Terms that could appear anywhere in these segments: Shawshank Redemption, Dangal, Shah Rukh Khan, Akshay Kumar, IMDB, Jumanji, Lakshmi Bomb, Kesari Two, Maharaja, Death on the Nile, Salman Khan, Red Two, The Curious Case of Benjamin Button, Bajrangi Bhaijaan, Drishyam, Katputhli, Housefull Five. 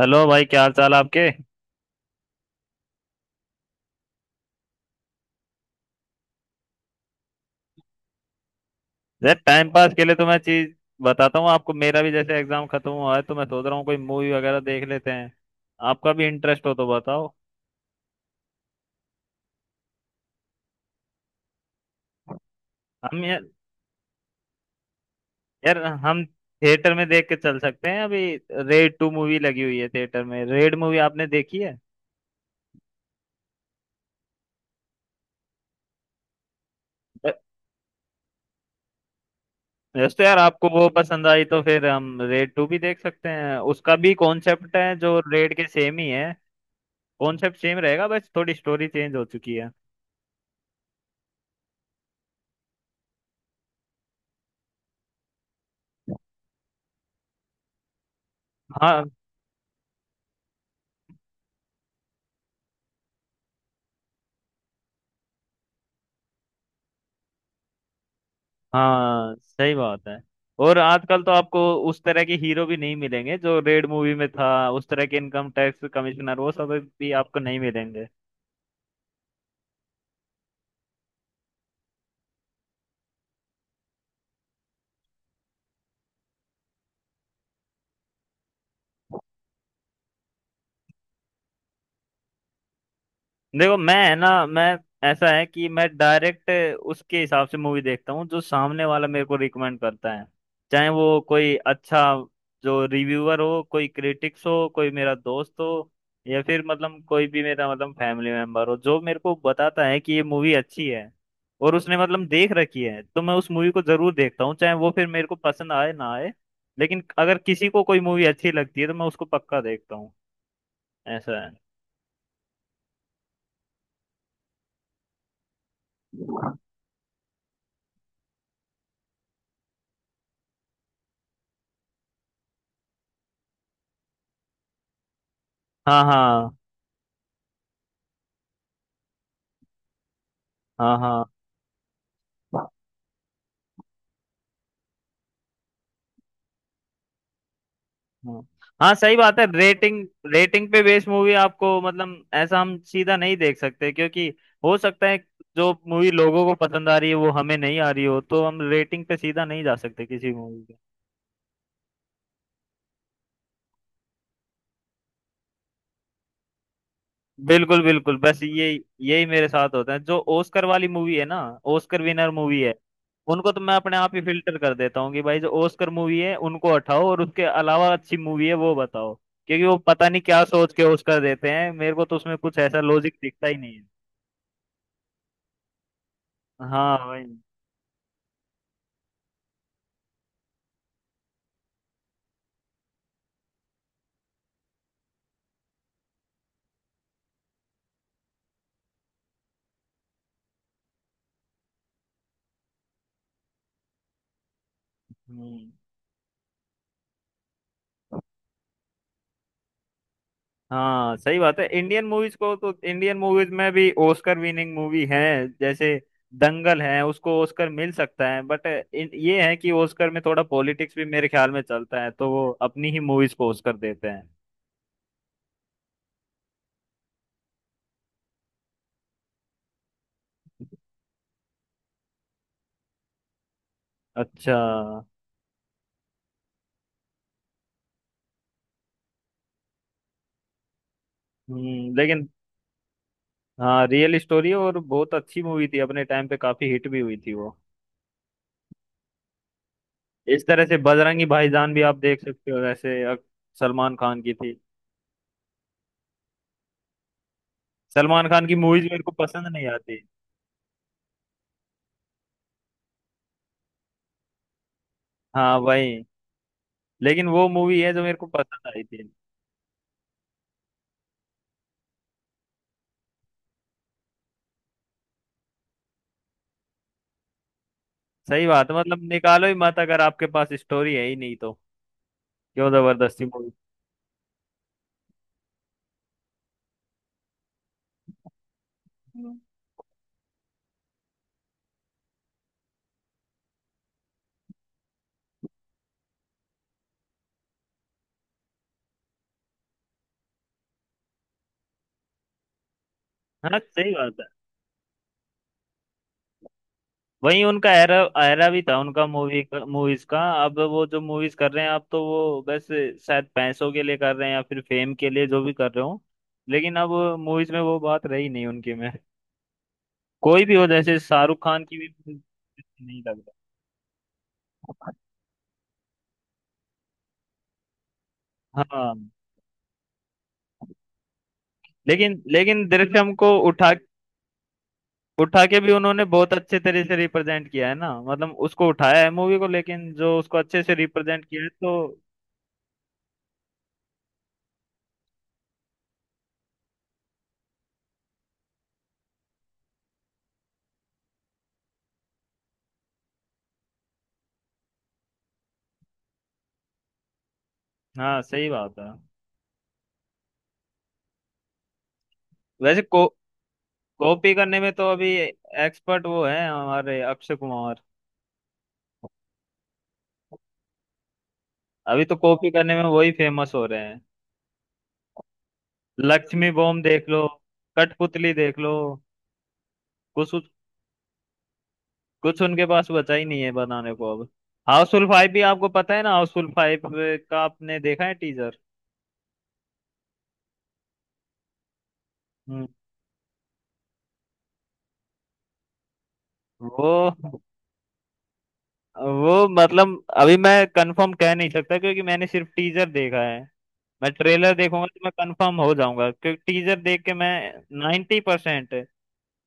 Hello भाई, क्या हाल चाल आपके। यार, टाइम पास के लिए तो मैं चीज बताता हूँ आपको। मेरा भी जैसे एग्जाम खत्म हुआ है तो मैं सोच रहा हूँ कोई मूवी वगैरह देख लेते हैं। आपका भी इंटरेस्ट हो तो बताओ। हम यार यार हम थिएटर में देख के चल सकते हैं अभी। रेड 2 मूवी लगी हुई है थिएटर में। रेड मूवी आपने देखी है? अ- यस। तो यार, आपको वो पसंद आई तो फिर हम रेड 2 भी देख सकते हैं। उसका भी कॉन्सेप्ट है जो रेड के सेम ही है। कॉन्सेप्ट सेम रहेगा, बस थोड़ी स्टोरी चेंज हो चुकी है। हाँ हाँ, सही बात है। और आजकल तो आपको उस तरह के हीरो भी नहीं मिलेंगे जो रेड मूवी में था। उस तरह के इनकम टैक्स कमिश्नर वो सब भी आपको नहीं मिलेंगे। देखो, मैं है ना, मैं, ऐसा है कि मैं डायरेक्ट, उसके हिसाब से मूवी देखता हूँ जो सामने वाला मेरे को रिकमेंड करता है। चाहे वो कोई अच्छा जो रिव्यूअर हो, कोई क्रिटिक्स हो, कोई मेरा दोस्त हो, या फिर मतलब कोई भी मेरा मतलब फैमिली मेंबर हो जो मेरे को बताता है कि ये मूवी अच्छी है और उसने मतलब देख रखी है, तो मैं उस मूवी को जरूर देखता हूँ, चाहे वो फिर मेरे को पसंद आए ना आए। लेकिन अगर किसी को कोई मूवी अच्छी लगती है तो मैं उसको पक्का देखता हूँ। ऐसा है। हाँ हाँ हाँ हाँ हाँ हाँ, सही बात है। रेटिंग। रेटिंग पे बेस्ड मूवी आपको मतलब ऐसा हम सीधा नहीं देख सकते, क्योंकि हो सकता है जो मूवी लोगों को पसंद आ रही है वो हमें नहीं आ रही हो, तो हम रेटिंग पे सीधा नहीं जा सकते किसी मूवी पे। बिल्कुल बिल्कुल, बस ये यही मेरे साथ होता है जो ओस्कर वाली मूवी है ना। ओस्कर विनर मूवी है। उनको तो मैं अपने आप ही फिल्टर कर देता हूँ कि भाई जो ओस्कर मूवी है उनको हटाओ और उसके अलावा अच्छी मूवी है वो बताओ। क्योंकि वो पता नहीं क्या सोच के ओस्कर देते हैं, मेरे को तो उसमें कुछ ऐसा लॉजिक दिखता ही नहीं। हाँ वही। हम्म, हाँ, सही बात है। इंडियन मूवीज को तो इंडियन मूवीज में भी ऑस्कर विनिंग मूवी है, जैसे दंगल है उसको ऑस्कर मिल सकता है, बट ये है कि ऑस्कर में थोड़ा पॉलिटिक्स भी मेरे ख्याल में चलता है, तो वो अपनी ही मूवीज को ऑस्कर देते हैं। अच्छा। हम्म, लेकिन हाँ, रियल स्टोरी और बहुत अच्छी मूवी थी, अपने टाइम पे काफी हिट भी हुई थी वो। इस तरह से बजरंगी भाईजान भी आप देख सकते हो वैसे, सलमान खान की थी। सलमान खान की मूवीज मेरे को पसंद नहीं आती। हाँ वही, लेकिन वो मूवी है जो मेरे को पसंद आई थी। सही बात है, मतलब निकालो ही मत अगर आपके पास स्टोरी है ही नहीं तो, क्यों जबरदस्ती मूवी। हम्म। हाँ सही बात है। वही उनका एरा। एरा भी था उनका। मूवीज का अब वो जो मूवीज कर रहे हैं आप, तो वो बस शायद पैसों के लिए कर रहे हैं या फिर फेम के लिए, जो भी कर रहे हो, लेकिन अब मूवीज में वो बात रही नहीं उनकी में, कोई भी हो, जैसे शाहरुख खान की भी नहीं लग रहा। हाँ, लेकिन लेकिन दृश्यम को उठा, उठा के भी उन्होंने बहुत अच्छे तरह से रिप्रेजेंट किया है ना, मतलब उसको उठाया है मूवी को, लेकिन जो उसको अच्छे से रिप्रेजेंट किया है तो। हाँ सही बात है। वैसे को कॉपी करने में तो अभी एक्सपर्ट वो है हमारे अक्षय कुमार। अभी तो कॉपी करने में वही फेमस हो रहे हैं। लक्ष्मी बॉम्ब देख लो, कठपुतली देख लो, कुछ कुछ उनके पास बचा ही नहीं है बनाने को अब। हाउसफुल 5 भी आपको पता है ना, हाउसफुल 5 का आपने देखा है टीजर? हम्म। वो वो मतलब अभी मैं कंफर्म कह नहीं सकता क्योंकि मैंने सिर्फ टीजर देखा है। मैं ट्रेलर देखूंगा तो मैं कंफर्म हो जाऊंगा, क्योंकि टीजर देख के मैं 90%,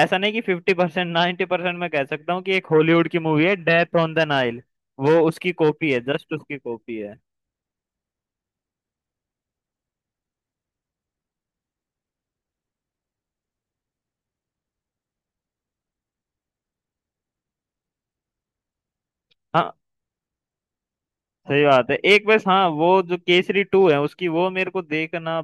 ऐसा नहीं कि 50%, 90% मैं कह सकता हूँ कि एक हॉलीवुड की मूवी है डेथ ऑन द नाइल, वो उसकी कॉपी है, जस्ट उसकी कॉपी है। हाँ सही बात है। एक बस हाँ, वो जो केसरी 2 है उसकी, वो मेरे को देखना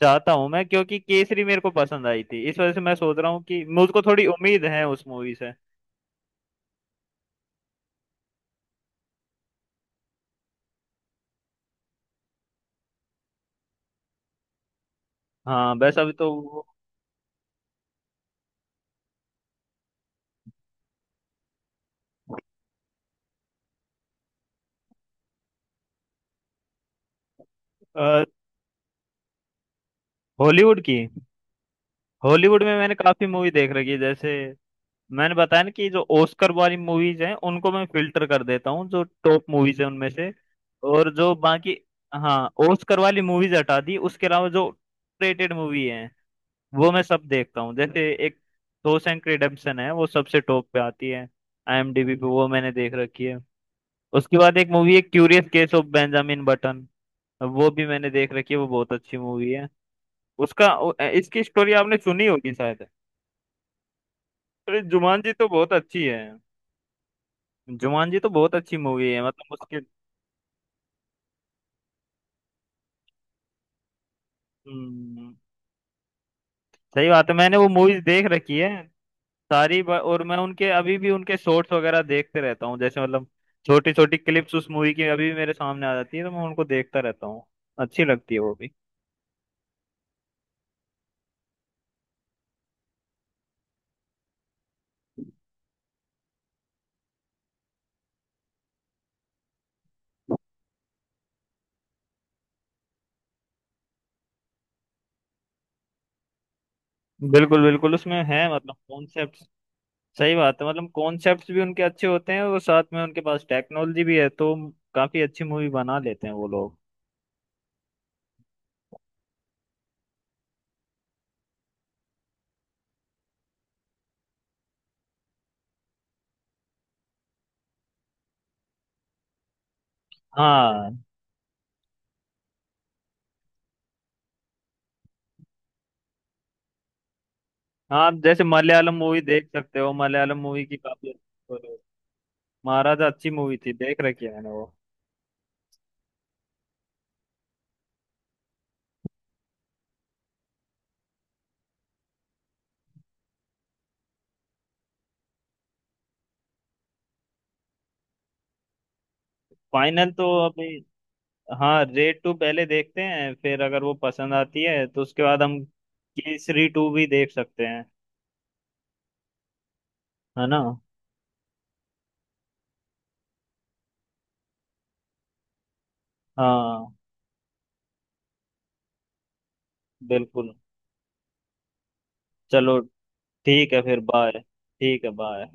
चाहता हूँ मैं, क्योंकि केसरी मेरे को पसंद आई थी, इस वजह से मैं सोच रहा हूँ कि मुझको थोड़ी उम्मीद है उस मूवी से। हाँ बस अभी तो हॉलीवुड की, हॉलीवुड में मैंने काफी मूवी देख रखी है। जैसे मैंने बताया ना कि जो ऑस्कर वाली मूवीज हैं उनको मैं फिल्टर कर देता हूँ, जो टॉप मूवीज हैं उनमें से, और जो बाकी, हाँ, ऑस्कर वाली मूवीज हटा दी, उसके अलावा जो रेटेड मूवी है वो मैं सब देखता हूँ। जैसे एक शॉशैंक रिडेम्पशन है, वो सबसे टॉप पे आती है आईएमडीबी पे, वो मैंने देख रखी है। उसके बाद एक मूवी है curious case of Benjamin Button, वो भी मैंने देख रखी है, वो बहुत अच्छी मूवी है। उसका, इसकी स्टोरी आपने सुनी होगी शायद। अरे जुमान जी तो बहुत अच्छी है। जुमान जी तो बहुत अच्छी मूवी है, मतलब उसके, हम्म, सही बात है, मैंने वो मूवीज देख रखी है सारी। और मैं उनके अभी भी उनके शॉर्ट्स वगैरह देखते रहता हूँ, जैसे मतलब छोटी छोटी क्लिप्स उस मूवी की अभी भी मेरे सामने आ जाती है, तो मैं उनको देखता रहता हूँ, अच्छी लगती है वो भी। बिल्कुल बिल्कुल, उसमें है मतलब कॉन्सेप्ट, सही बात है, मतलब कॉन्सेप्ट्स भी उनके अच्छे होते हैं, और साथ में उनके पास टेक्नोलॉजी भी है, तो काफी अच्छी मूवी बना लेते हैं वो लोग। हाँ हाँ, आप जैसे मलयालम मूवी देख सकते हो, मलयालम मूवी की काफी अच्छी- महाराजा अच्छी मूवी थी, देख रखी है मैंने वो। फाइनल तो अभी, हाँ, रेड 2 पहले देखते हैं, फिर अगर वो पसंद आती है तो उसके बाद हम केसरी 2 भी देख सकते हैं, है ना। हाँ बिल्कुल। चलो, ठीक है, फिर बाय। ठीक है, बाय।